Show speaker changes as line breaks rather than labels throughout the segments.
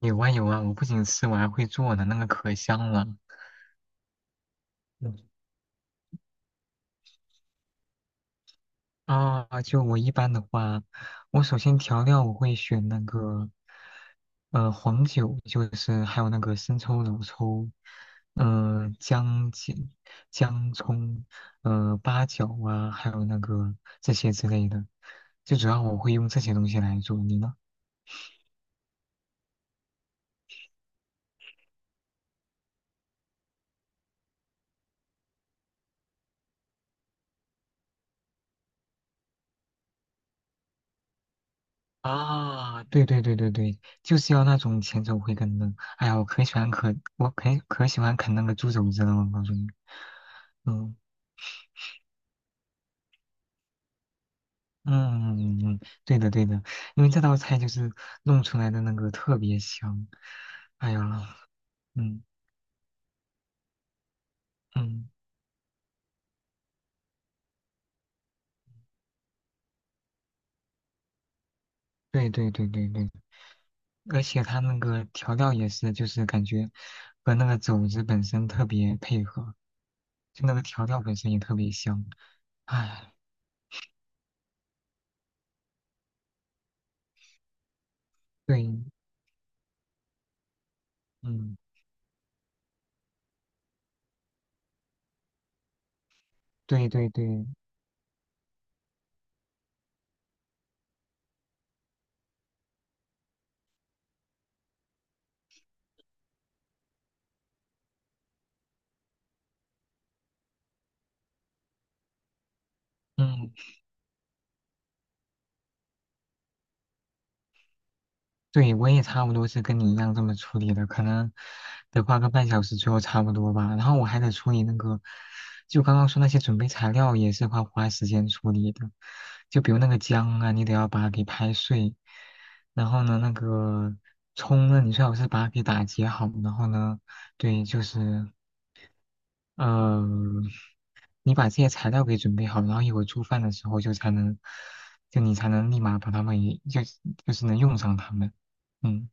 有啊有啊，我不仅吃，我还会做呢，那个可香了。嗯啊，就我一般的话，我首先调料我会选那个，黄酒，就是还有那个生抽、老抽，呃，姜、姜、姜葱，八角啊，还有那个这些之类的，最主要我会用这些东西来做。你呢？啊，对对对对对，就是要那种前手回根的。哎呀，我可喜欢啃那个猪肘子了，我告诉你。嗯嗯，嗯嗯嗯对的对的，因为这道菜就是弄出来的那个特别香。哎呀，嗯嗯，对对对对对，而且它那个调料也是，就是感觉和那个肘子本身特别配合，就那个调料本身也特别香。哎，对，嗯，对对对。嗯，对，我也差不多是跟你一样这么处理的，可能得花个半小时左右差不多吧。然后我还得处理那个，就刚刚说那些准备材料也是花时间处理的，就比如那个姜啊，你得要把它给拍碎，然后呢，那个葱呢，你最好是把它给打结好，然后呢，对，就是呃，你把这些材料给准备好，然后一会儿做饭的时候就才能，就你才能立马把它们也就就是能用上它们，嗯。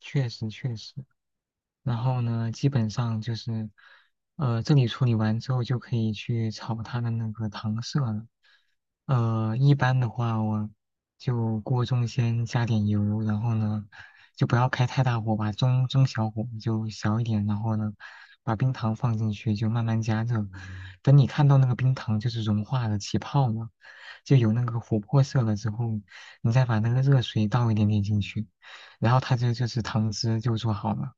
确实确实。然后呢，基本上就是，这里处理完之后就可以去炒它的那个糖色了。呃，一般的话，我就锅中先加点油，然后呢，就不要开太大火吧，中小火就小一点，然后呢，把冰糖放进去，就慢慢加热。等你看到那个冰糖就是融化了、起泡了，就有那个琥珀色了之后，你再把那个热水倒一点点进去，然后它这就是糖汁就做好了。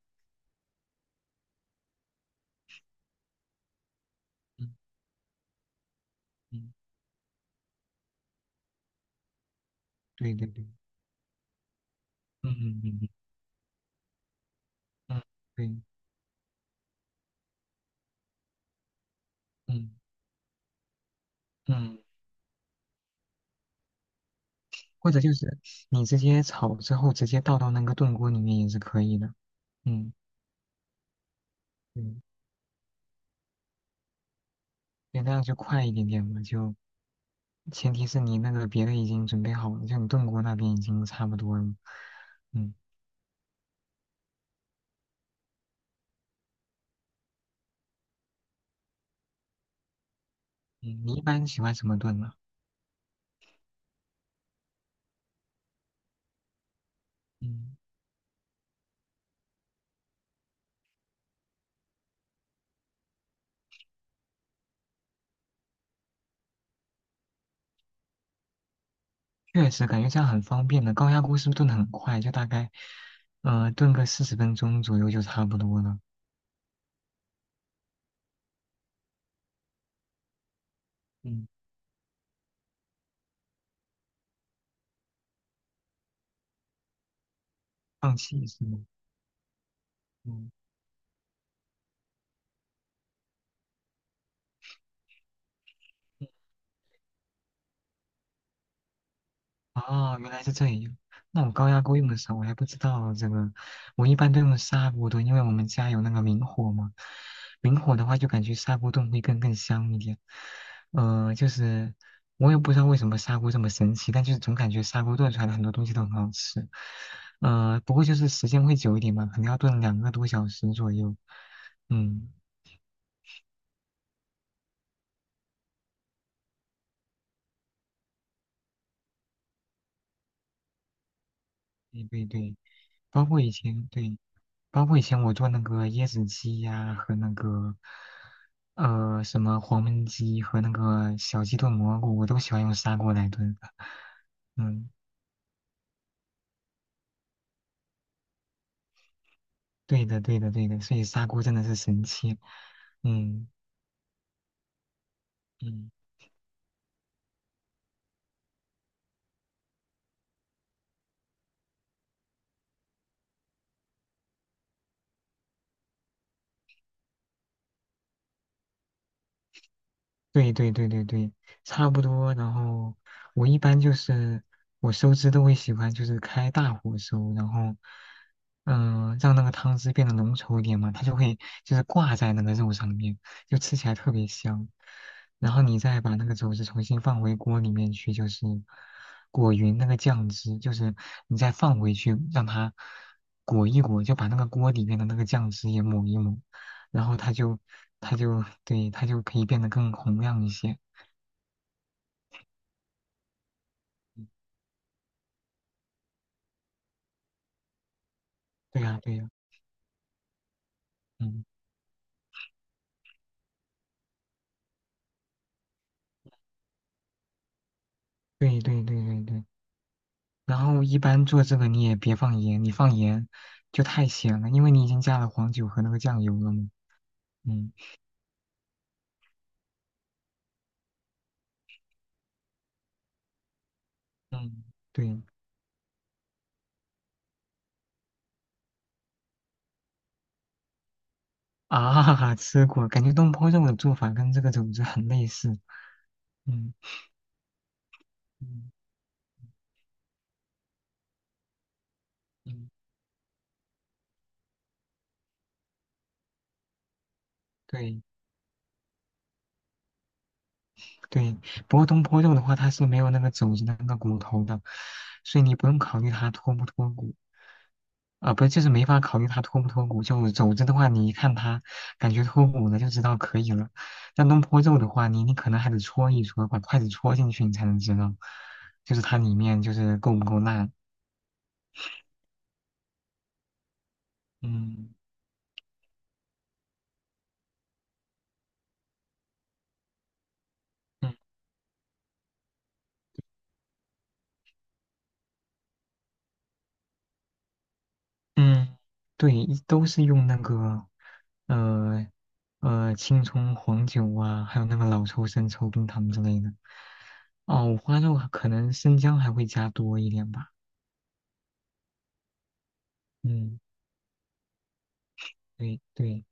嗯嗯，对对对，嗯嗯嗯嗯，对，嗯嗯。或者就是你直接炒之后直接倒到那个炖锅里面也是可以的。嗯，嗯对，那样就快一点点嘛。就前提是你那个别的已经准备好了，就你炖锅那边已经差不多了。嗯嗯，你一般喜欢什么炖呢？嗯，确实感觉这样很方便的。高压锅是不是炖的很快？就大概炖个40分钟左右就差不多了。嗯，放气是吗？嗯嗯哦，原来是这样。那我高压锅用的时候，我还不知道这个，我一般都用砂锅炖，因为我们家有那个明火嘛。明火的话，就感觉砂锅炖会更香一点。呃，就是我也不知道为什么砂锅这么神奇，但就是总感觉砂锅炖出来的很多东西都很好吃。呃，不过就是时间会久一点嘛，可能要炖2个多小时左右。嗯。对对对，包括以前对，包括以前我做那个椰子鸡呀、和那个什么黄焖鸡和那个小鸡炖蘑菇，我都喜欢用砂锅来炖的。嗯，对的对的对的，所以砂锅真的是神器。嗯嗯。对对对对对，差不多。然后我一般就是我收汁都会喜欢就是开大火收，然后让那个汤汁变得浓稠一点嘛，它就会就是挂在那个肉上面，就吃起来特别香。然后你再把那个肘子重新放回锅里面去，就是裹匀那个酱汁，就是你再放回去让它裹一裹，就把那个锅里面的那个酱汁也抹一抹。然后他就对他就可以变得更洪亮一些。嗯对呀，对呀，嗯，对对对对对。然后一般做这个你也别放盐，你放盐就太咸了，因为你已经加了黄酒和那个酱油了嘛。嗯嗯，对啊，吃过，感觉东坡肉的做法跟这个肘子很类似。嗯嗯嗯，对对。不过东坡肉的话，它是没有那个肘子的那个骨头的，所以你不用考虑它脱不脱骨。啊，不是，就是没法考虑它脱不脱骨。就肘子的话，你一看它感觉脱骨了，就知道可以了。但东坡肉的话，你可能还得戳一戳，把筷子戳进去，你才能知道，就是它里面就是够不够烂。嗯嗯嗯，对，一都是用那个呃青葱黄酒啊，还有那个老抽、生抽、冰糖之类的。哦，五花肉可能生姜还会加多一点吧。嗯，对对。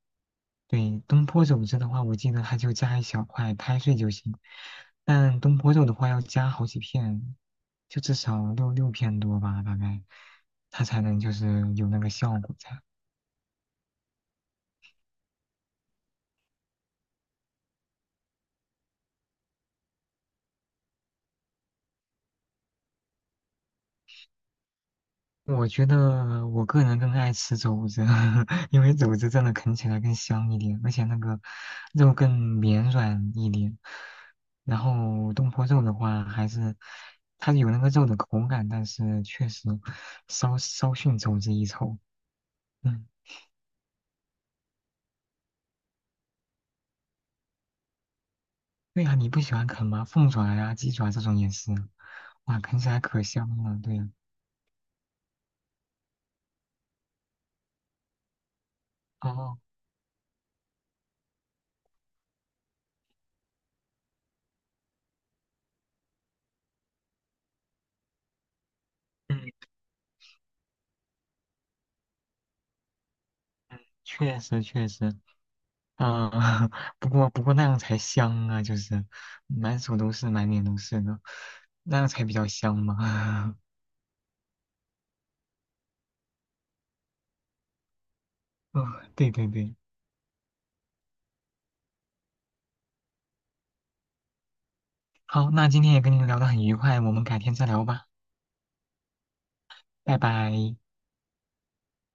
对，东坡肘子的话，我记得它就加一小块，拍碎就行。但东坡肉的话，要加好几片，就至少六片多吧，大概，它才能就是有那个效果在。我觉得我个人更爱吃肘子，因为肘子真的啃起来更香一点，而且那个肉更绵软一点。然后东坡肉的话，还是它有那个肉的口感，但是确实稍稍逊肘子一筹。嗯。对呀、你不喜欢啃吗？凤爪呀、鸡爪这种也是，哇，啃起来可香了。对呀、哦，嗯，确实确实，嗯、不过那样才香啊，就是满手都是，满脸都是的，那样才比较香嘛。嗯，对对对，好，那今天也跟你们聊得很愉快，我们改天再聊吧，拜拜。